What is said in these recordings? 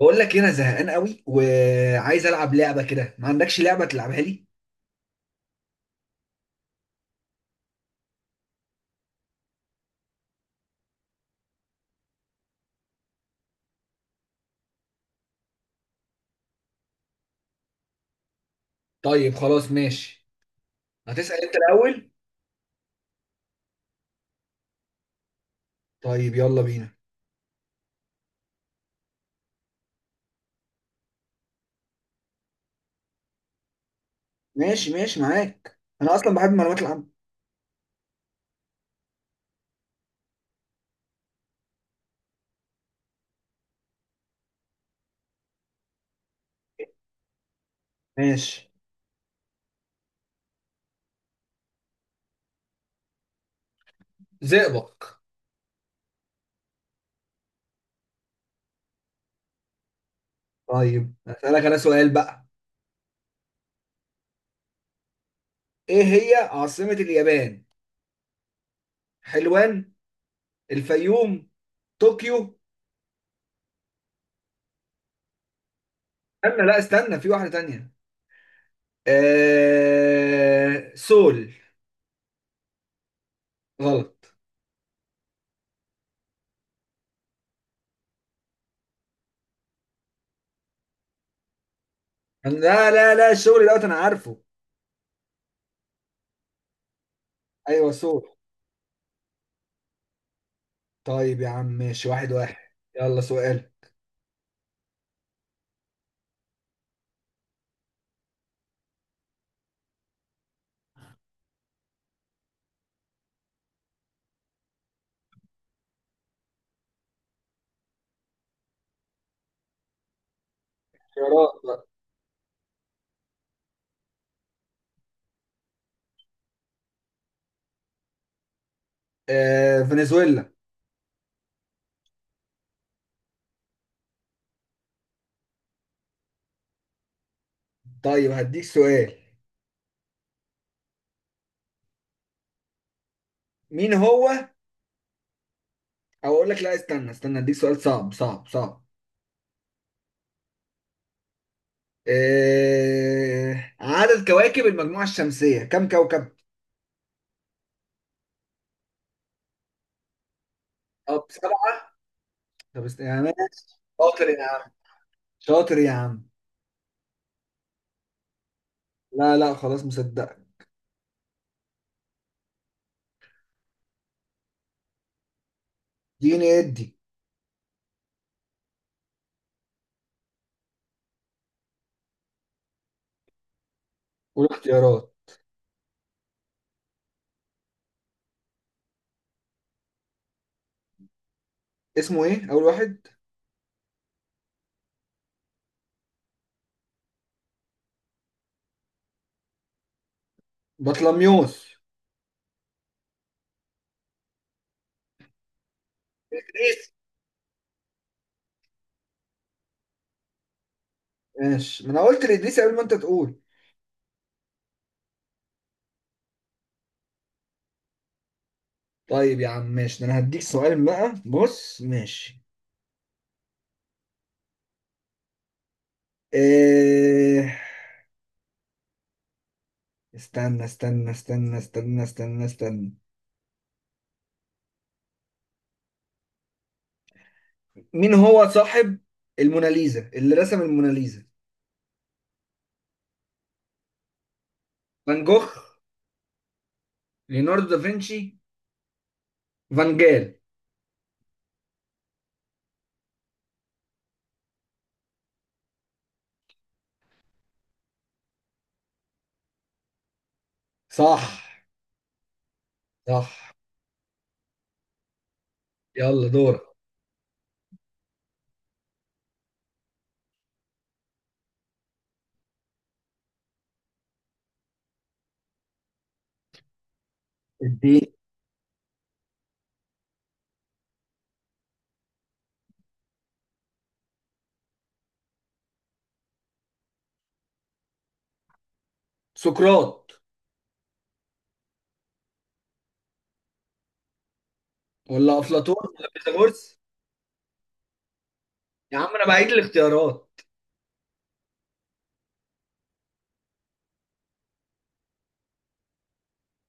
بقول لك إيه، انا زهقان قوي وعايز العب لعبه كده ما عندكش لعبه تلعبها لي. طيب خلاص ماشي. هتسال انت الاول؟ طيب يلا بينا. ماشي ماشي معاك، انا اصلا بحب المعلومات العامه. ماشي. زئبق. طيب اسالك انا سؤال بقى. ايه هي عاصمه اليابان؟ حلوان. الفيوم. طوكيو. استنى، لا استنى، في واحده تانية. سول. غلط. لا لا لا، الشغل دوت، انا عارفه. ايوه سول. طيب يا عم ماشي، واحد واحد. يلا سؤال. اختيارات بقى. آه، فنزويلا. طيب هديك سؤال. مين هو، او اقول لك لا، استنى استنى، هديك سؤال صعب صعب صعب. آه، عدد كواكب المجموعة الشمسية كم كوكب؟ طب سبعة. طب يا عم. شاطر يا عم. شاطر يا عم. لا لا خلاص، مصدق. اديني قول اختيارات. اسمه ايه اول واحد؟ بطلميوس. إدريس. ماشي، ما انا قلت لادريس قبل ما انت تقول. طيب يا عم ماشي، ده انا هديك سؤال بقى، بص ماشي. إيه... استنى استنى استنى استنى استنى استنى. مين هو صاحب الموناليزا، اللي رسم الموناليزا؟ فان جوخ. ليوناردو دافنشي. فان جال. صح. صح. يلا دورك. اديني. سقراط. ولا افلاطون ولا فيثاغورس. يا عم انا بعيد الاختيارات.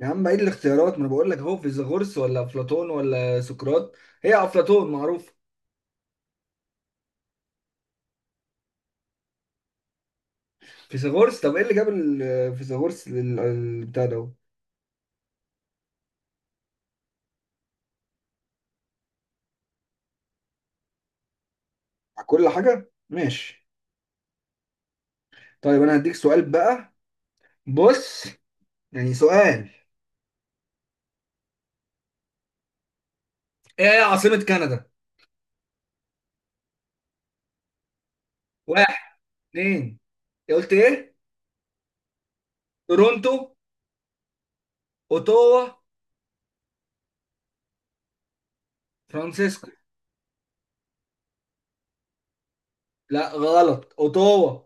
يا عم بعيد الاختيارات، ما انا بقول لك اهو، فيثاغورس ولا افلاطون ولا سقراط. هي افلاطون معروف. فيثاغورس، طب ايه اللي جاب فيثاغورس البتاع ده؟ على كل حاجة ماشي. طيب انا هديك سؤال بقى، بص، يعني سؤال. ايه هي عاصمة كندا؟ واحد. اتنين. إيه قلت ايه؟ تورونتو. اوتاوا. فرانسيسكو. لا غلط، اوتاوا.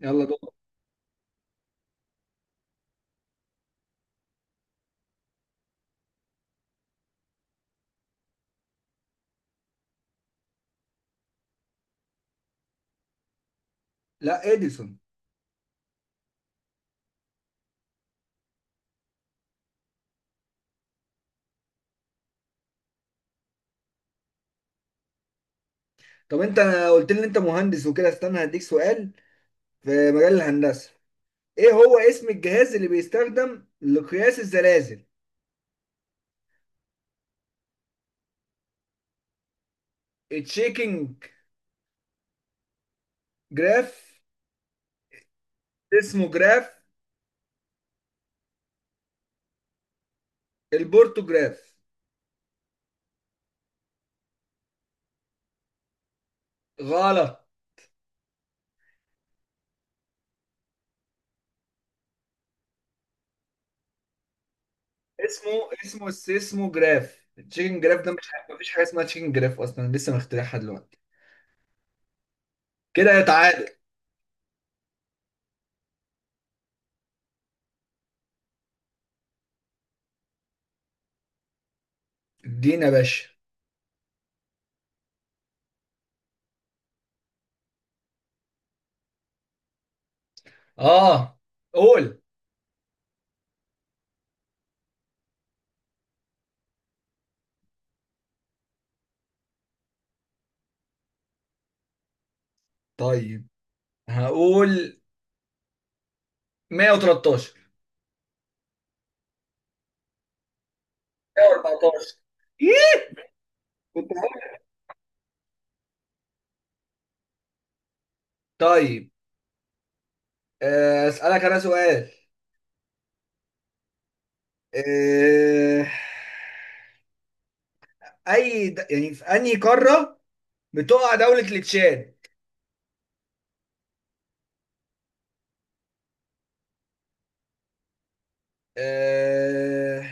يلا دور. لا، اديسون. طب انت قلت لي ان انت مهندس وكده، استنى هديك سؤال. في مجال الهندسة، ايه هو اسم الجهاز اللي بيستخدم لقياس الزلازل؟ التشيكينج جراف. اسمه جراف. البورتوجراف. غلط. اسمه اسمه السيسموجراف، التشيكن جراف ده مش حاجة، مفيش حاجة اسمها تشيكن جراف أصلا، لسه مخترعها دلوقتي. كده يا تعادل. ادينا يا باشا. اه قول. طيب هقول 113. 114. إيه؟ كنت هقول- طيب. آه، أسألك أنا سؤال. آه، أي يعني في أنهي قارة بتقع دولة التشاد؟ آه،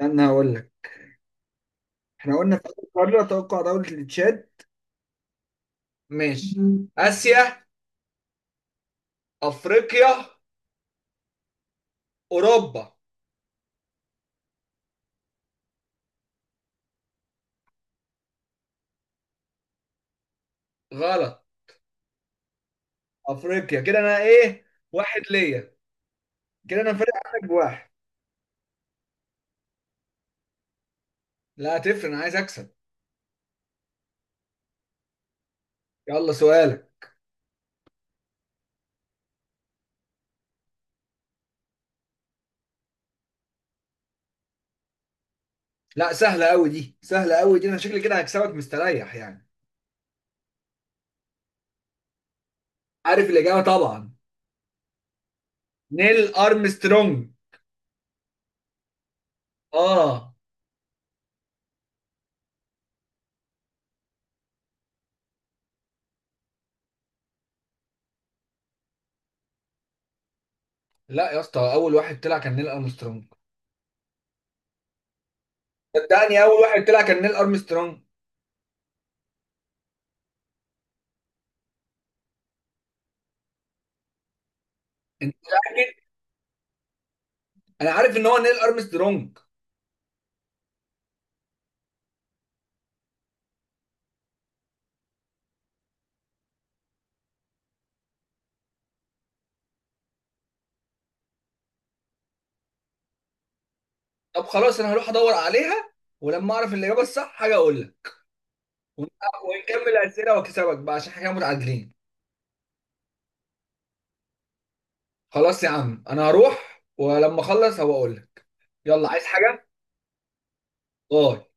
استنى هقول لك. احنا قلنا في اول قاره توقع دوله التشاد. ماشي. اسيا. افريقيا. اوروبا. غلط. افريقيا، كده انا ايه؟ واحد ليا. كده انا فارق عنك بواحد. لا هتفرق، انا عايز اكسب. يلا سؤالك. لا سهله قوي دي، سهله قوي دي، انا شكلي كده هكسبك مستريح يعني. عارف الاجابه طبعا. نيل ارمسترونج. اه. لا يا اسطى، اول واحد طلع كان نيل ارمسترونج. صدقني اول واحد طلع كان نيل ارمسترونج. انت متاكد؟ انا عارف ان هو نيل ارمسترونج. طب خلاص انا هروح ادور عليها. ولما اعرف الاجابه الصح حاجه اقول لك. ون- ونكمل اسئله واكسبك بقى، عشان احنا كده متعادلين. خلاص يا عم، انا هروح ولما اخلص هبقى اقول لك. يلا عايز حاجه؟ باي.